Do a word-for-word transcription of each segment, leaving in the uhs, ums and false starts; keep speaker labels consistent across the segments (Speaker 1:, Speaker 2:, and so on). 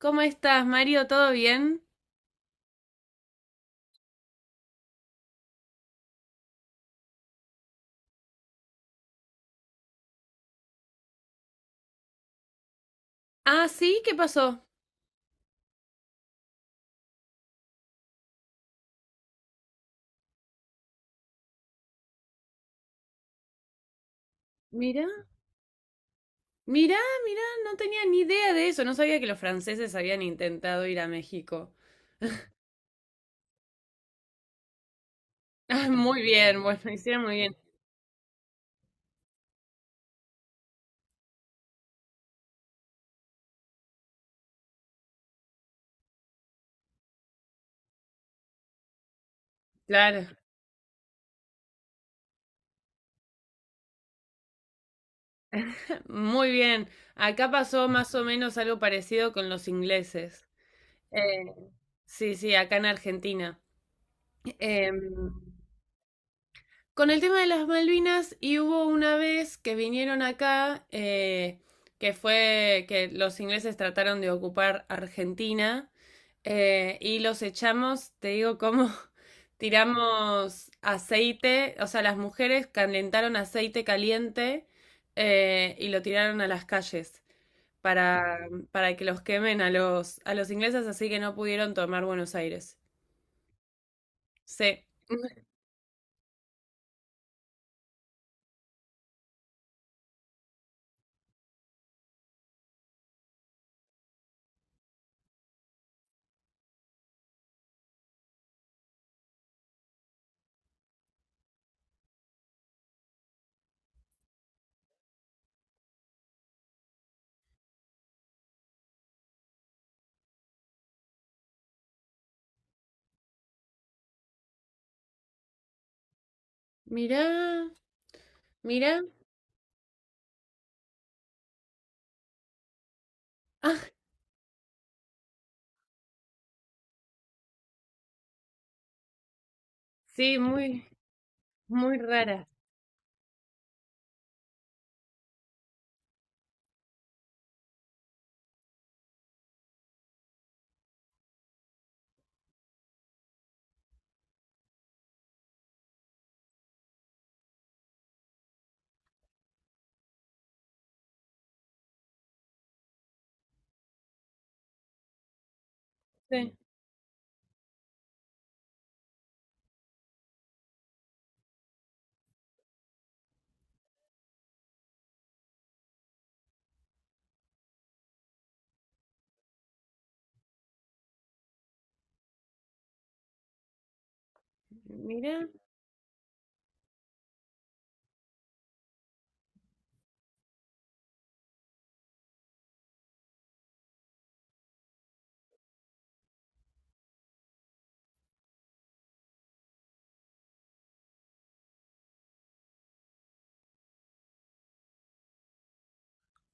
Speaker 1: ¿Cómo estás, Mario? ¿Todo bien? Ah, sí, ¿qué pasó? Mira, mira, mira, no tenía ni idea de eso, no sabía que los franceses habían intentado ir a México. Ah, muy bien, bueno, hicieron muy bien. Claro, muy bien. Acá pasó más o menos algo parecido con los ingleses. Eh, sí, sí, acá en Argentina. Em, Con el tema de las Malvinas, y hubo una vez que vinieron acá, eh, que fue que los ingleses trataron de ocupar Argentina, eh, y los echamos, te digo, cómo tiramos aceite, o sea, las mujeres calentaron aceite caliente eh, y lo tiraron a las calles para, para que los quemen a los, a los ingleses, así que no pudieron tomar Buenos Aires. Sí. Mirá, mirá. Ah, sí, muy. Muy raras. Sí. Mira,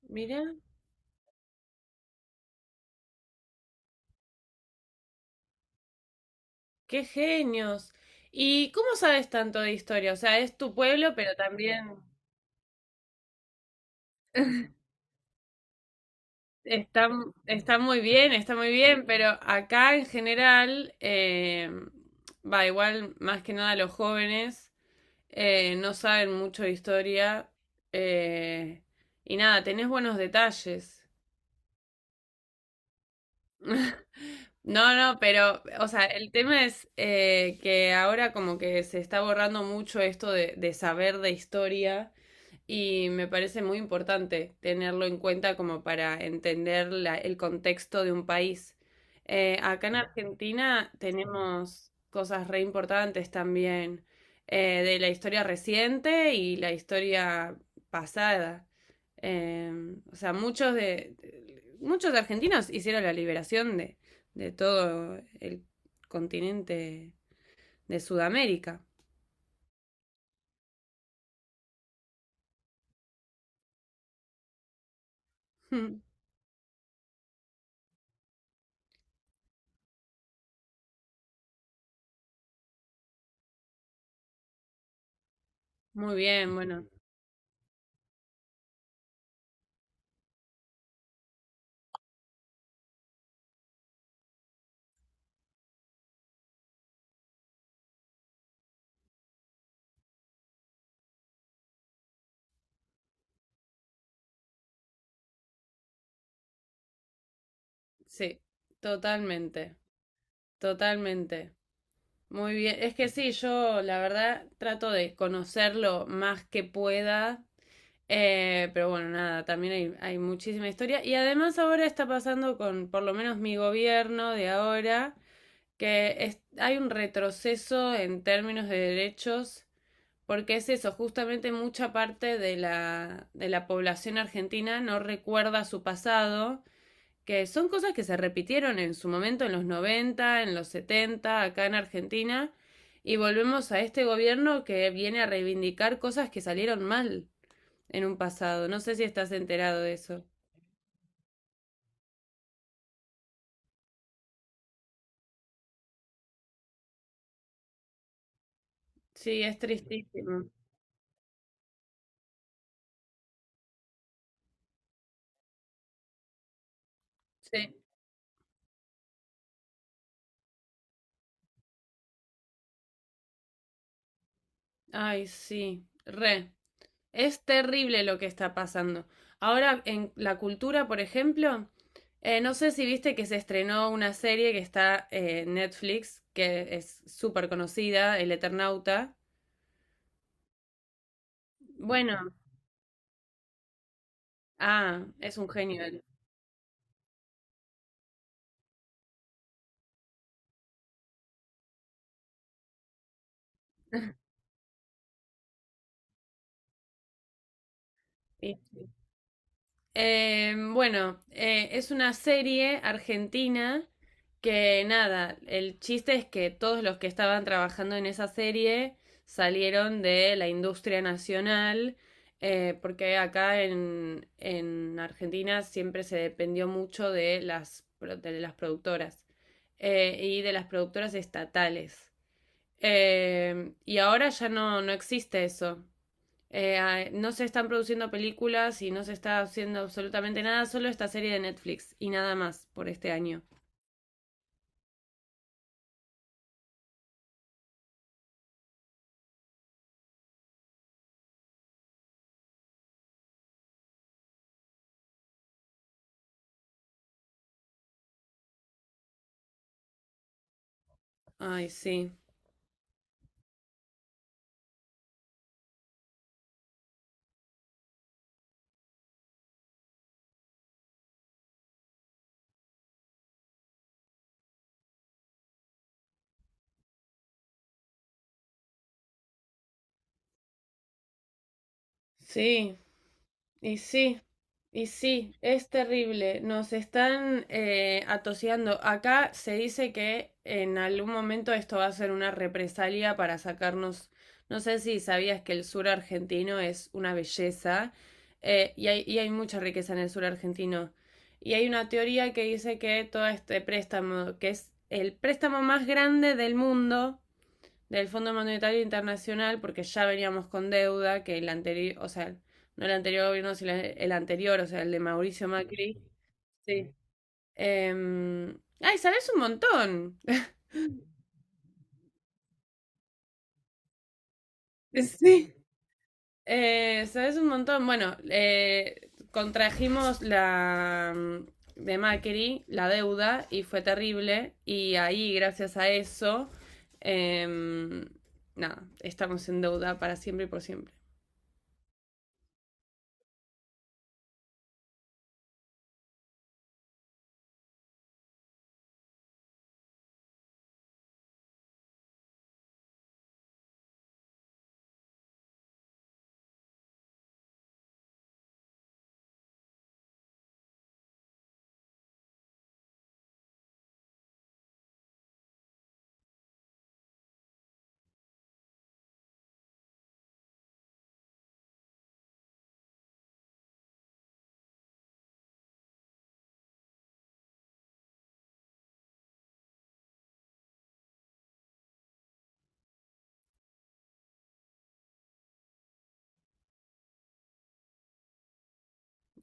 Speaker 1: mira, qué genios. ¿Y cómo sabes tanto de historia? O sea, es tu pueblo, pero también está, está muy bien, está muy bien, pero acá en general, eh, va igual, más que nada los jóvenes eh, no saben mucho de historia. eh, y nada, tenés buenos detalles. No, no, pero, o sea, el tema es eh, que ahora como que se está borrando mucho esto de, de saber de historia y me parece muy importante tenerlo en cuenta como para entender la- el contexto de un país. Eh, acá en Argentina tenemos cosas re importantes también eh, de la historia reciente y la historia pasada. Eh, o sea, muchos de, de- muchos argentinos hicieron la liberación de, de todo el continente de Sudamérica. Muy bien, bueno, sí, totalmente. Totalmente. Muy bien. Es que sí, yo la verdad trato de conocerlo más que pueda. Eh, pero bueno, nada, también hay, hay muchísima historia. Y además ahora está pasando con, por lo menos mi gobierno de ahora, que es- hay un retroceso en términos de derechos, porque es eso, justamente mucha parte de la, de la población argentina no recuerda su pasado, que son cosas que se repitieron en su momento en los noventa, en los setenta, acá en Argentina, y volvemos a este gobierno que viene a reivindicar cosas que salieron mal en un pasado. No sé si estás enterado de eso. Sí, es tristísimo. Sí, ay, sí, re. Es terrible lo que está pasando. Ahora, en la cultura, por ejemplo, eh, no sé si viste que se estrenó una serie que está eh, en Netflix, que es súper conocida, El Eternauta. Bueno, ah, es un genio él. Sí. Eh, bueno, eh, es una serie argentina, que nada, el chiste es que todos los que estaban trabajando en esa serie salieron de la industria nacional, eh, porque acá en, en Argentina siempre se dependió mucho de las, pro- de las productoras eh, y de las productoras estatales. Eh, y ahora ya no, no existe eso. Eh, no se están produciendo películas y no se está haciendo absolutamente nada, solo esta serie de Netflix y nada más por este año. Ay, sí. Sí, y sí. Y sí, es terrible. Nos están eh, atoseando. Acá se dice que en algún momento esto va a ser una represalia para sacarnos. No sé si sabías que el sur argentino es una belleza eh, y hay, y hay mucha riqueza en el sur argentino. Y hay una teoría que dice que todo este préstamo, que es el préstamo más grande del mundo, del Fondo Monetario Internacional, porque ya veníamos con deuda que el anterior, o sea, no el anterior gobierno, sino el anterior, o sea, el de Mauricio Macri. Sí. Em, ay, sabes un montón. Sí. Eh, sabes un montón. Bueno, eh, contrajimos la mm, de Macri, la deuda, y fue terrible. Y ahí, gracias a eso, em, nada, estamos en deuda para siempre y por siempre.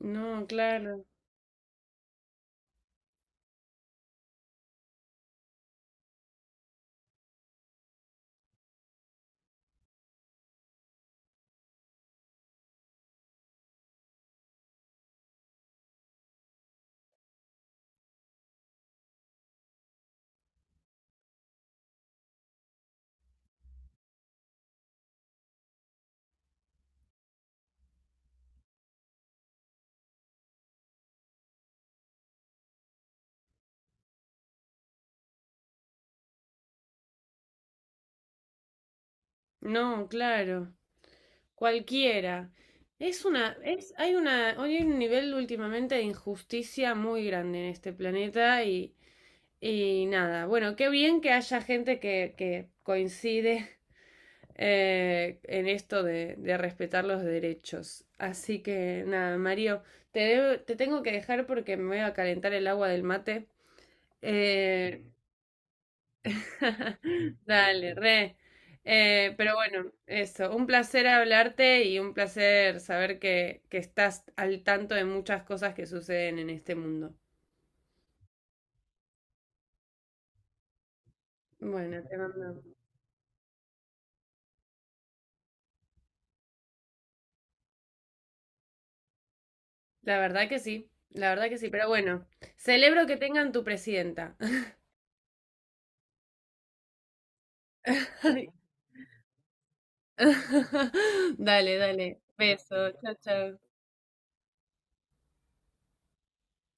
Speaker 1: No, claro. No, claro. Cualquiera. Es una, es, hay una, hoy hay un nivel últimamente de injusticia muy grande en este planeta, y, y nada, bueno, qué bien que haya gente que, que coincide eh, en esto de, de respetar los derechos. Así que nada, Mario, te, debo- te tengo que dejar porque me voy a calentar el agua del mate. Eh, Dale, re. Eh, pero bueno, eso, un placer hablarte y un placer saber que, que estás al tanto de muchas cosas que suceden en este mundo. Bueno, te mando. La verdad que sí, la verdad que sí, pero bueno, celebro que tengan tu presidenta. Dale, dale. Beso, chao, chao.